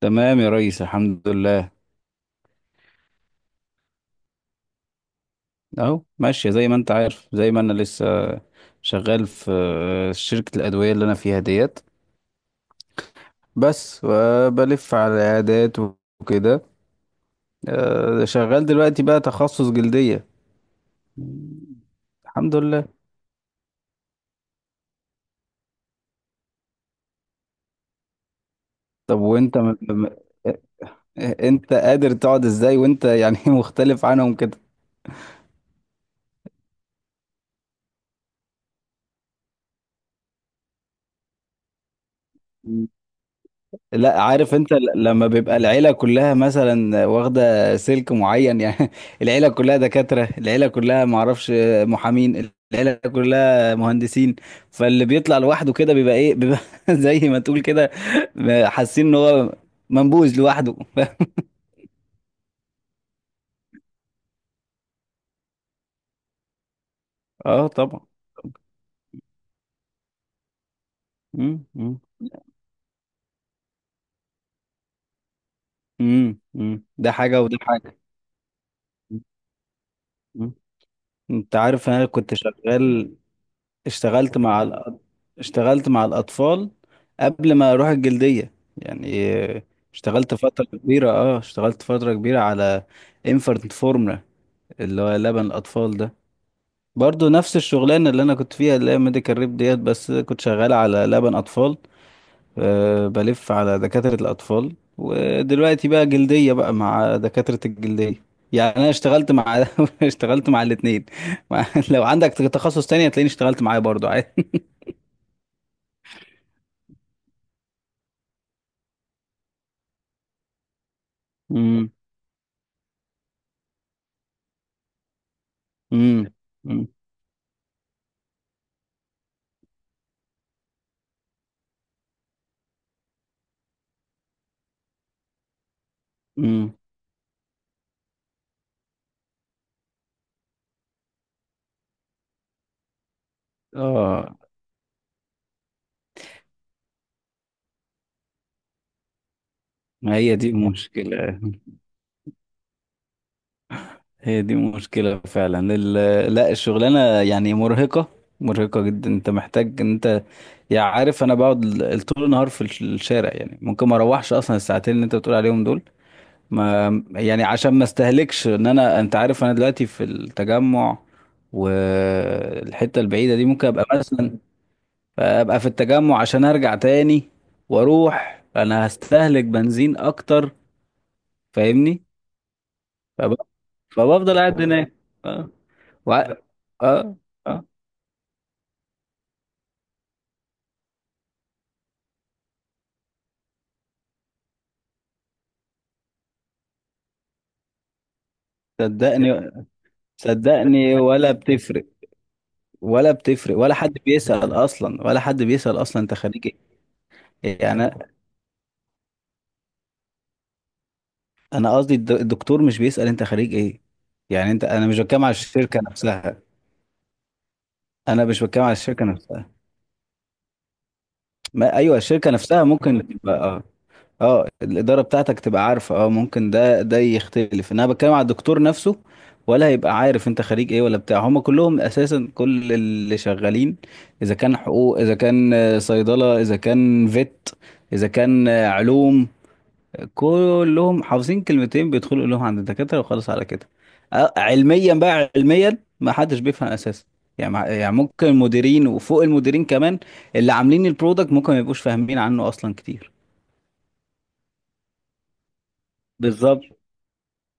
تمام يا ريس، الحمد لله. اهو ماشية زي ما انت عارف، زي ما انا لسه شغال في شركة الأدوية اللي انا فيها ديت. بس بلف على العيادات وكده. شغال دلوقتي بقى تخصص جلدية. الحمد لله. طب وانت انت قادر تقعد ازاي وانت يعني مختلف عنهم كده؟ لا، عارف انت لما بيبقى العيلة كلها مثلا واخدة سلك معين، يعني العيلة كلها دكاترة، العيلة كلها معرفش محامين، العيلة كلها مهندسين. فاللي بيطلع لوحده كده بيبقى ايه، بيبقى زي ما تقول كده حاسين ان هو منبوذ لوحده. اه، طبعا. مم، مم. مم، مم. ده حاجة وده حاجة. مم، مم. انت عارف انا كنت شغال، اشتغلت مع الأ- اشتغلت مع الأطفال قبل ما أروح الجلدية. يعني اشتغلت فترة كبيرة، اشتغلت فترة كبيرة على infant formula، اللي هو لبن الأطفال ده، برضو نفس الشغلانة اللي أنا كنت فيها، اللي هي ميديكال ريب ديت، بس كنت شغال على لبن أطفال. أه بلف على دكاترة الأطفال، ودلوقتي بقى جلدية بقى مع دكاترة الجلدية. يعني أنا اشتغلت مع اشتغلت مع الاتنين. لو عندك تخصص تاني هتلاقيني اشتغلت معاه برضو. عادي. امم، امم، امم. اه، ما هي دي مشكلة، هي دي مشكلة فعلا. لا، الشغلانة يعني مرهقة، مرهقة جدا. انت محتاج ان انت يعني عارف، انا بقعد طول النهار في الشارع، يعني ممكن ما اروحش اصلا الساعتين اللي انت بتقول عليهم دول. ما يعني عشان ما استهلكش ان انا، انت عارف انا دلوقتي في التجمع والحتة البعيدة دي، ممكن ابقى مثلا ابقى في التجمع عشان ارجع تاني، واروح انا هستهلك بنزين اكتر، فاهمني؟ فب... فبفضل قاعد هناك. اه. وع... اه، اه، صدقني، صدقني ولا بتفرق، ولا بتفرق، ولا حد بيسأل اصلا، ولا حد بيسأل اصلا انت خريج ايه، يعني انا. أنا قصدي الدكتور مش بيسأل انت خريج ايه، يعني انت، انا مش بتكلم على الشركة نفسها. انا مش بتكلم على الشركة نفسها. ما ايوه، الشركة نفسها ممكن تبقى اه. اه الإدارة بتاعتك تبقى عارفة، اه ممكن ده يختلف، انا بتكلم على الدكتور نفسه، ولا هيبقى عارف انت خريج ايه ولا بتاع. هما كلهم اساسا كل اللي شغالين اذا كان حقوق، اذا كان صيدلة، اذا كان فيت، اذا كان علوم، كلهم حافظين كلمتين بيدخلوا لهم عند الدكاترة، وخلاص على كده. علميا بقى، علميا ما حدش بيفهم اساسا. يعني يعني ممكن المديرين وفوق المديرين كمان، اللي عاملين البرودكت، ممكن ما يبقوش فاهمين عنه اصلا كتير. بالظبط،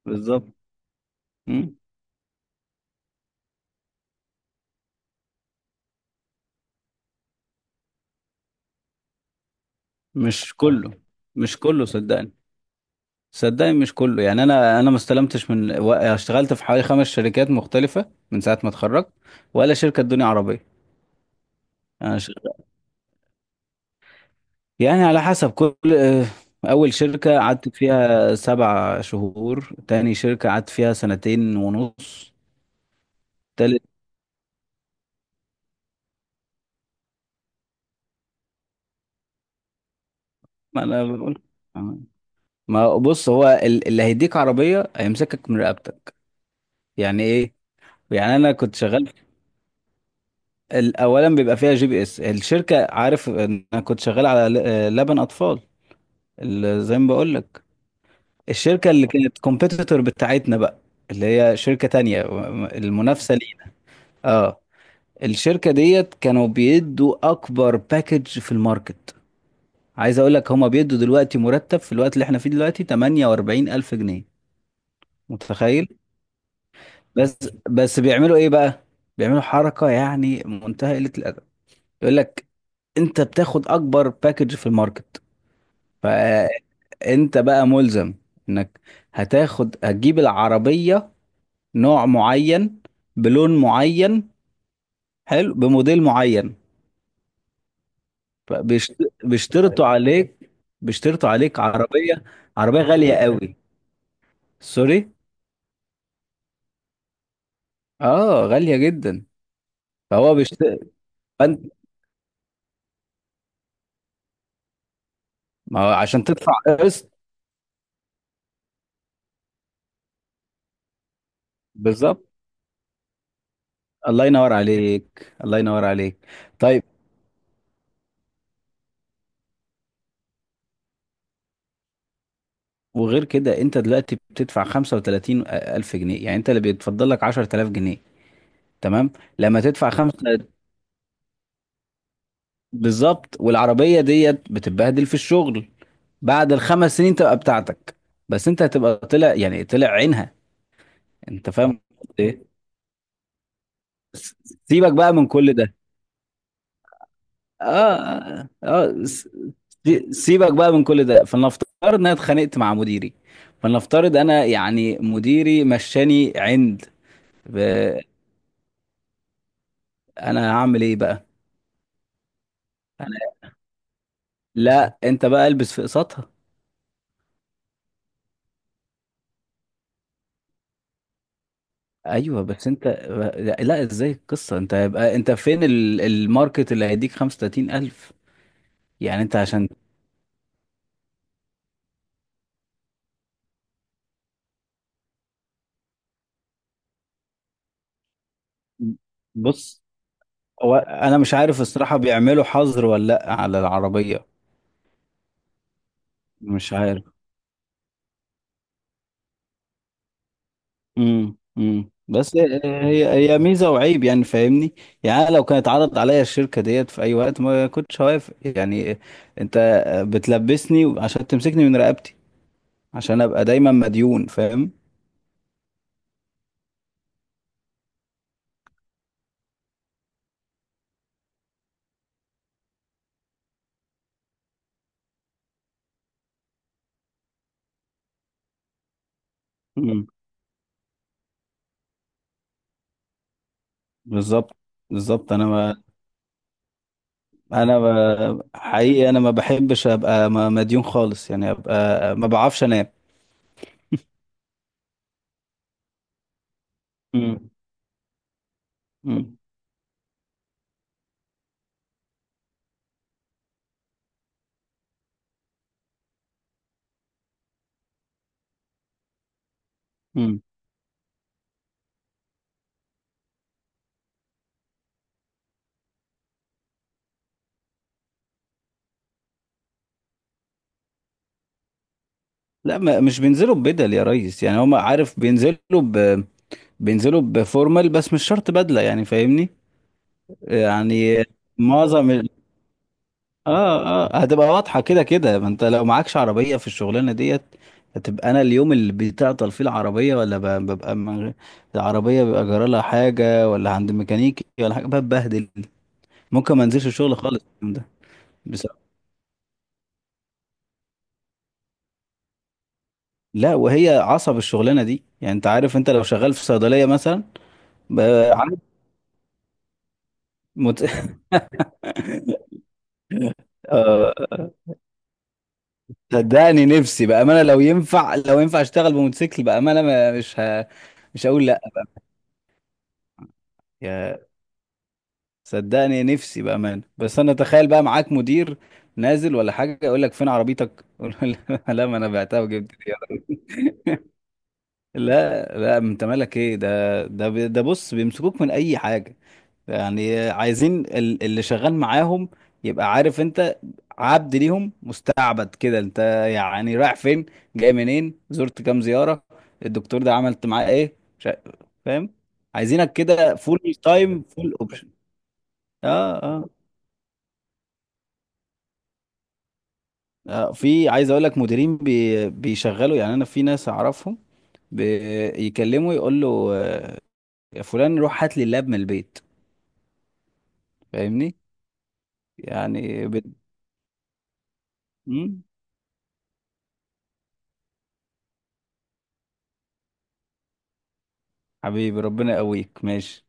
بالظبط. مم. مش كله، مش كله صدقني، صدقني مش كله. يعني انا ما استلمتش من اشتغلت في حوالي خمس شركات مختلفه من ساعه ما اتخرجت، ولا شركه ادوني عربيه. أنا ش- يعني على حسب كل اول شركه قعدت فيها 7 شهور، تاني شركه قعدت فيها سنتين ونص، تالت. ما انا بقول. آه. ما بص، هو اللي هيديك عربيه هيمسكك من رقبتك، يعني ايه؟ يعني انا كنت شغال اولا بيبقى فيها جي بي اس. الشركه، عارف إن انا كنت شغال على لبن اطفال، زي ما بقول لك، الشركه اللي كانت كومبيتيتور بتاعتنا بقى، اللي هي شركه تانية المنافسه لينا. اه الشركه ديت كانوا بيدوا اكبر باكج في الماركت. عايز اقول لك هما بيدوا دلوقتي مرتب في الوقت اللي احنا فيه دلوقتي 48 الف جنيه. متخيل؟ بس بس بيعملوا ايه بقى؟ بيعملوا حركه، يعني منتهى قله الادب. يقول لك: انت بتاخد اكبر باكج في الماركت، فانت بقى ملزم انك هتاخد، هتجيب العربية نوع معين، بلون معين، حلو، بموديل معين. بيشترطوا عليك، بيشترطوا عليك عربية، عربية غالية قوي. سوري، اه غالية جدا. فهو بيشترط فانت، ما هو عشان تدفع قسط. بالظبط، الله ينور عليك، الله ينور عليك. طيب وغير كده انت دلوقتي بتدفع 35 الف جنيه، يعني انت اللي بيتفضل لك 10,000 جنيه، تمام. لما تدفع تمام خمسة. بالظبط. والعربية ديت بتتبهدل في الشغل. بعد الخمس سنين تبقى بتاعتك، بس انت هتبقى طلع، يعني طلع عينها. انت فاهم قصدي ايه؟ س- سيبك بقى من كل ده. اه، اه، سيبك بقى من كل ده. فلنفترض ان انا اتخانقت مع مديري، فلنفترض انا يعني مديري مشاني عند. ب- انا هعمل ايه بقى؟ لا، انت بقى البس في قسطها. ايوه بس انت، لا، ازاي القصه؟ انت هيبقى انت فين الماركت اللي هيديك 35,000؟ يعني انت عشان، بص هو انا مش عارف الصراحه بيعملوا حظر ولا لا على العربيه. مش عارف. بس هي ميزه وعيب، يعني فاهمني؟ يعني أنا لو كانت عرضت عليا الشركه ديت في اي وقت ما كنتش هوافق يعني. انت بتلبسني عشان تمسكني من رقبتي، عشان ابقى دايما مديون، فاهم؟ امم. بالظبط، بالظبط. انا حقيقي انا ما بحبش ابقى مديون خالص، يعني ابقى ما بعرفش انام. مم. مم. مم. لا، ما مش بينزلوا ببدل يا ريس، يعني هم عارف بينزلوا بينزلوا بفورمال، بس مش شرط بدلة، يعني فاهمني. يعني معظم اه، اه هتبقى واضحة كده كده، ما انت لو معكش عربية في الشغلانة ديت، هتبقى انا اليوم اللي بتعطل فيه العربية، ولا ببقى من... غير- العربية بيبقى جرالها حاجة ولا عند ميكانيكي ولا حاجة، ببهدل، ممكن ما انزلش الشغل خالص اليوم ده. بسبب. لا وهي عصب الشغلانه دي، يعني انت عارف، انت لو شغال في صيدليه مثلا ب- عارف. مت... آه، صدقني نفسي بامانه لو ينفع، لو ينفع اشتغل بموتوسيكل بامانه، ما مش مش هقول لا. يا، صدقني نفسي بامانه، بس انا تخيل بقى معاك مدير نازل ولا حاجه يقول لك فين عربيتك، أقول له لا، ما انا بعتها وجبت دي. لا، لا، انت مالك ايه، ده ده بص، بيمسكوك من اي حاجه، يعني عايزين اللي شغال معاهم يبقى عارف انت. عبد ليهم، مستعبد كده انت. يعني رايح فين، جاي منين، زرت كام زيارة، الدكتور ده عملت معاه ايه، فاهم؟ عايزينك كده فول تايم فول اوبشن. اه، اه، في، عايز اقول لك مديرين بيشغلوا، يعني انا في ناس اعرفهم بيكلموا يقول له يا فلان روح هات لي اللاب من البيت، فاهمني؟ يعني مم؟ حبيبي، ربنا يقويك، ماشي.